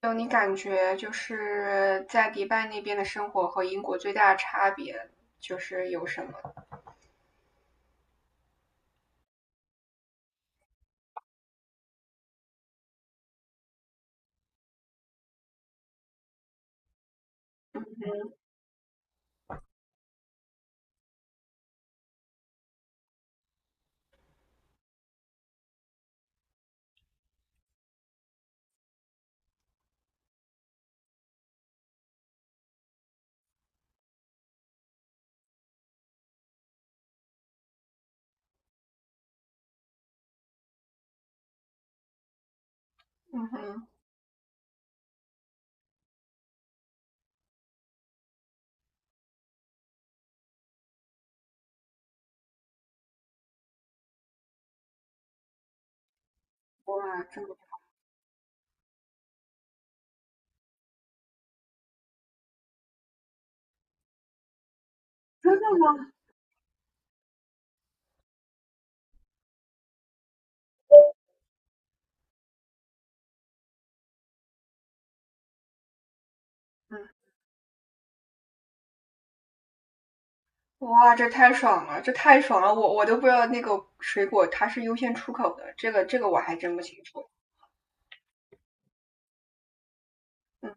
就你感觉就是在迪拜那边的生活和英国最大的差别就是有什么？嗯哼。哇，这么真的吗？嗯，哇，这太爽了，这太爽了！我都不知道那个水果它是优先出口的，这个我还真不清楚。嗯，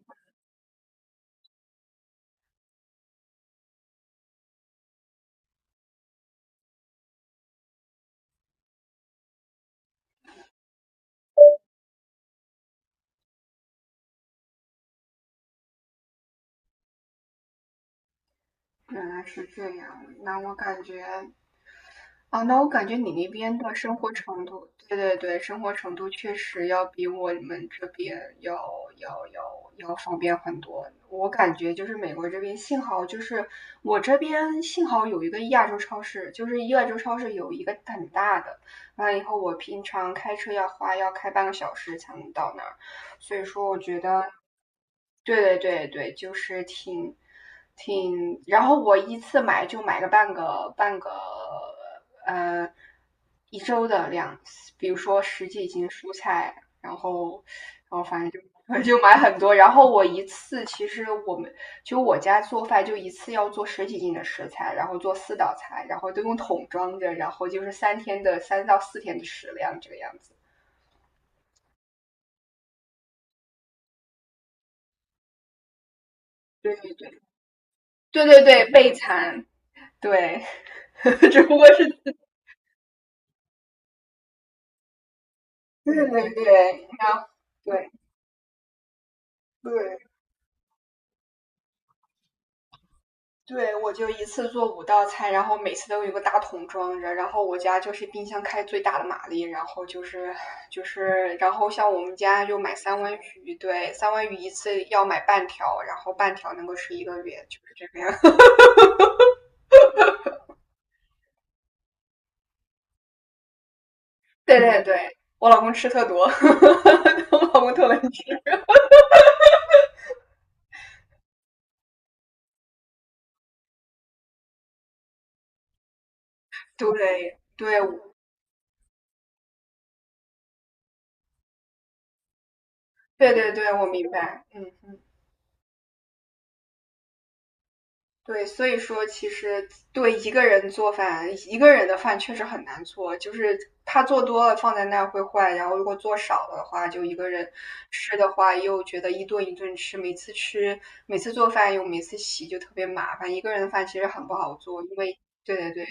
原来是这样。那我感觉你那边的生活程度，对对对，生活程度确实要比我们这边要方便很多。我感觉就是美国这边，幸好就是我这边幸好有一个亚洲超市，就是亚洲超市有一个很大的，完了以后我平常开车要开半小时才能到那儿，所以说我觉得对对对，对，就是然后我一次买就买个半个呃一周的量，比如说十几斤蔬菜，然后反正就 就买很多，然后我一次其实我们就我家做饭就一次要做十几斤的食材，然后做四道菜，然后都用桶装着，然后就是三到四天的食量这个样子。对对对对，备餐。对。只不过是对对对对对对，我就一次做五道菜，然后每次都有一个大桶装着，然后我家就是冰箱开最大的马力，然后就是，然后像我们家就买三文鱼，对，三文鱼一次要买半条，然后半条能够吃一个月，就是这个样。对对对，我老公吃特多。我老公特能吃。对对对对对，我明白，嗯嗯。对，所以说其实对一个人做饭，一个人的饭确实很难做，就是他做多了放在那儿会坏，然后如果做少了的话，就一个人吃的话又觉得一顿一顿吃，每次做饭又每次洗就特别麻烦，一个人的饭其实很不好做，因为对对对，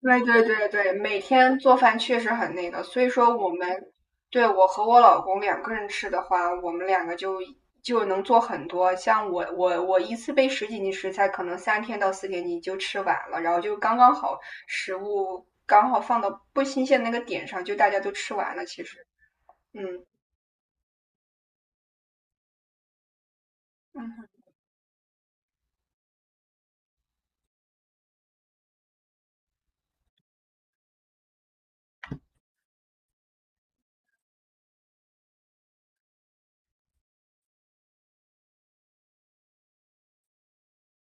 对对对对，每天做饭确实很那个，所以说我们，对，我和我老公两个人吃的话，我们两个就能做很多。像我一次备十几斤食材，可能三天到四天你就吃完了，然后就刚刚好，食物刚好放到不新鲜那个点上，就大家都吃完了。其实，嗯。嗯，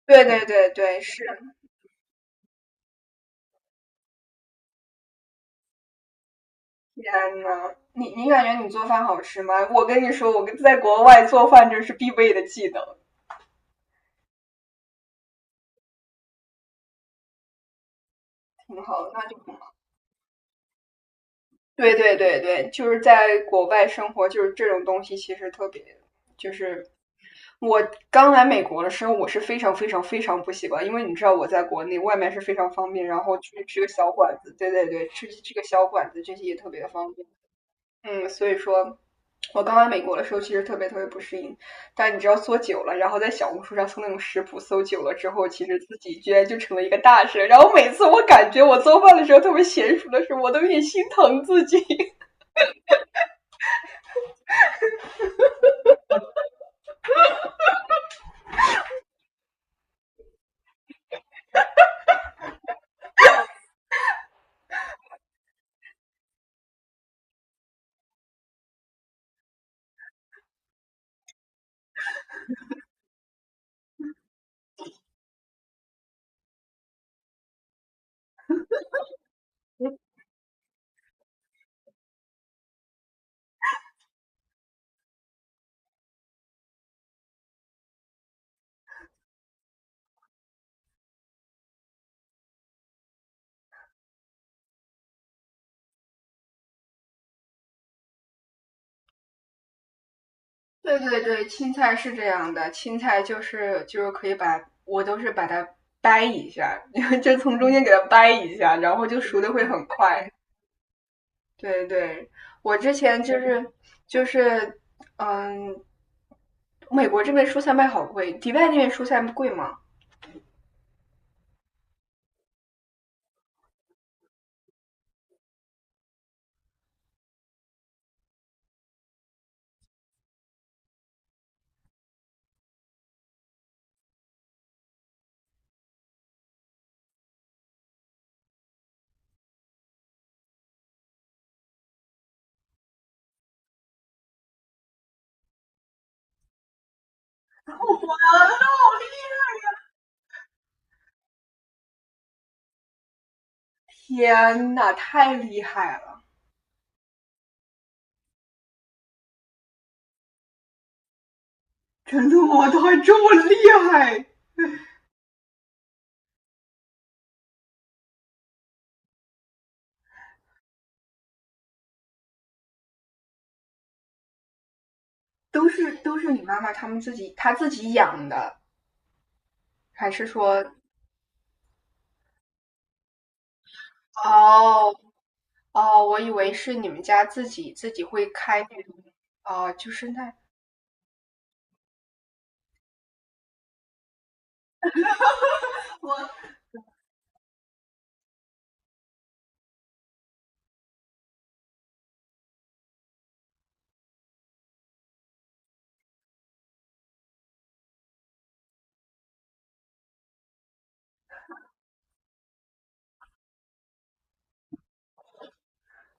对对对对，是。天呐，你你感觉你做饭好吃吗？我跟你说，我跟在国外做饭这是必备的技能。挺好的，那就对对对对，就是在国外生活，就是这种东西其实特别，就是我刚来美国的时候，我是非常非常非常不习惯，因为你知道我在国内外卖是非常方便，然后去吃个小馆子，对对对，吃个小馆子这些也特别的方便。嗯，所以说。我刚来美国的时候，其实特别特别不适应，但你知道做久了，然后在小红书上搜那种食谱，搜久了之后，其实自己居然就成了一个大神。然后每次我感觉我做饭的时候特别娴熟的时候，我都有点心疼自己。对对对，青菜是这样的，青菜就是可以把我都是把它掰一下，就从中间给它掰一下，然后就熟的会很快。对对，我之前就是嗯，美国这边蔬菜卖好贵，迪拜那边蔬菜贵吗？天呐，太厉害了！真的吗？他还这么厉害？都是你妈妈他自己养的，还是说？哦。哦，我以为是你们家自己会开那种。哦，就是那，我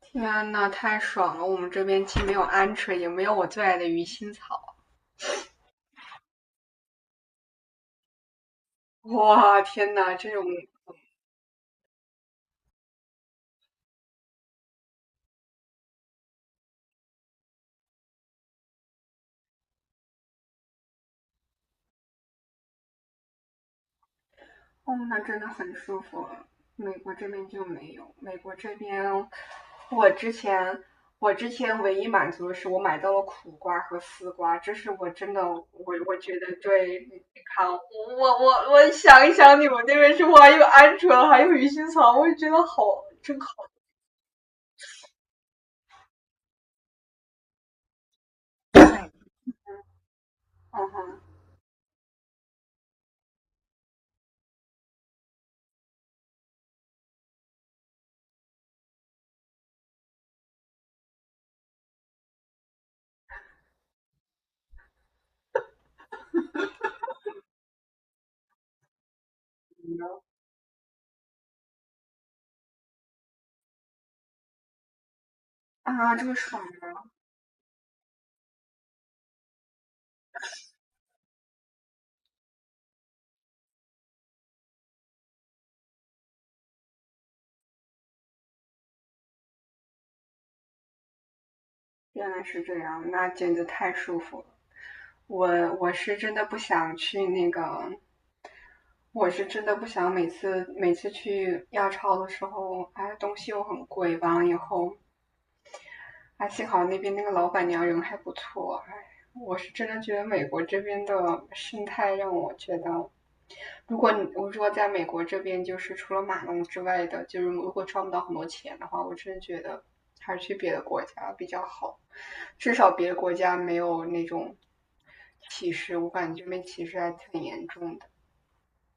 天呐，太爽了！我们这边既没有鹌鹑，也没有我最爱的鱼腥草。哇，天呐，这种哦，那真的很舒服。美国这边就没有，美国这边我之前我之前唯一满足的是我买到了苦瓜和丝瓜，这是我真的我我觉得对健康，我想一想你们那边是不还有鹌鹑，还有鱼腥草，我就觉得好真好。嗯哼。啊，这么爽啊！原来是这样，那简直太舒服了。我我是真的不想去那个我是真的不想每次去亚超的时候，哎，东西又很贵，完了以后，哎，幸好那边那个老板娘人还不错，哎，我是真的觉得美国这边的生态让我觉得，如果你我如果在美国这边就是除了马农之外的，就是如果赚不到很多钱的话，我真的觉得还是去别的国家比较好，至少别的国家没有那种歧视，我感觉这边歧视还挺严重的。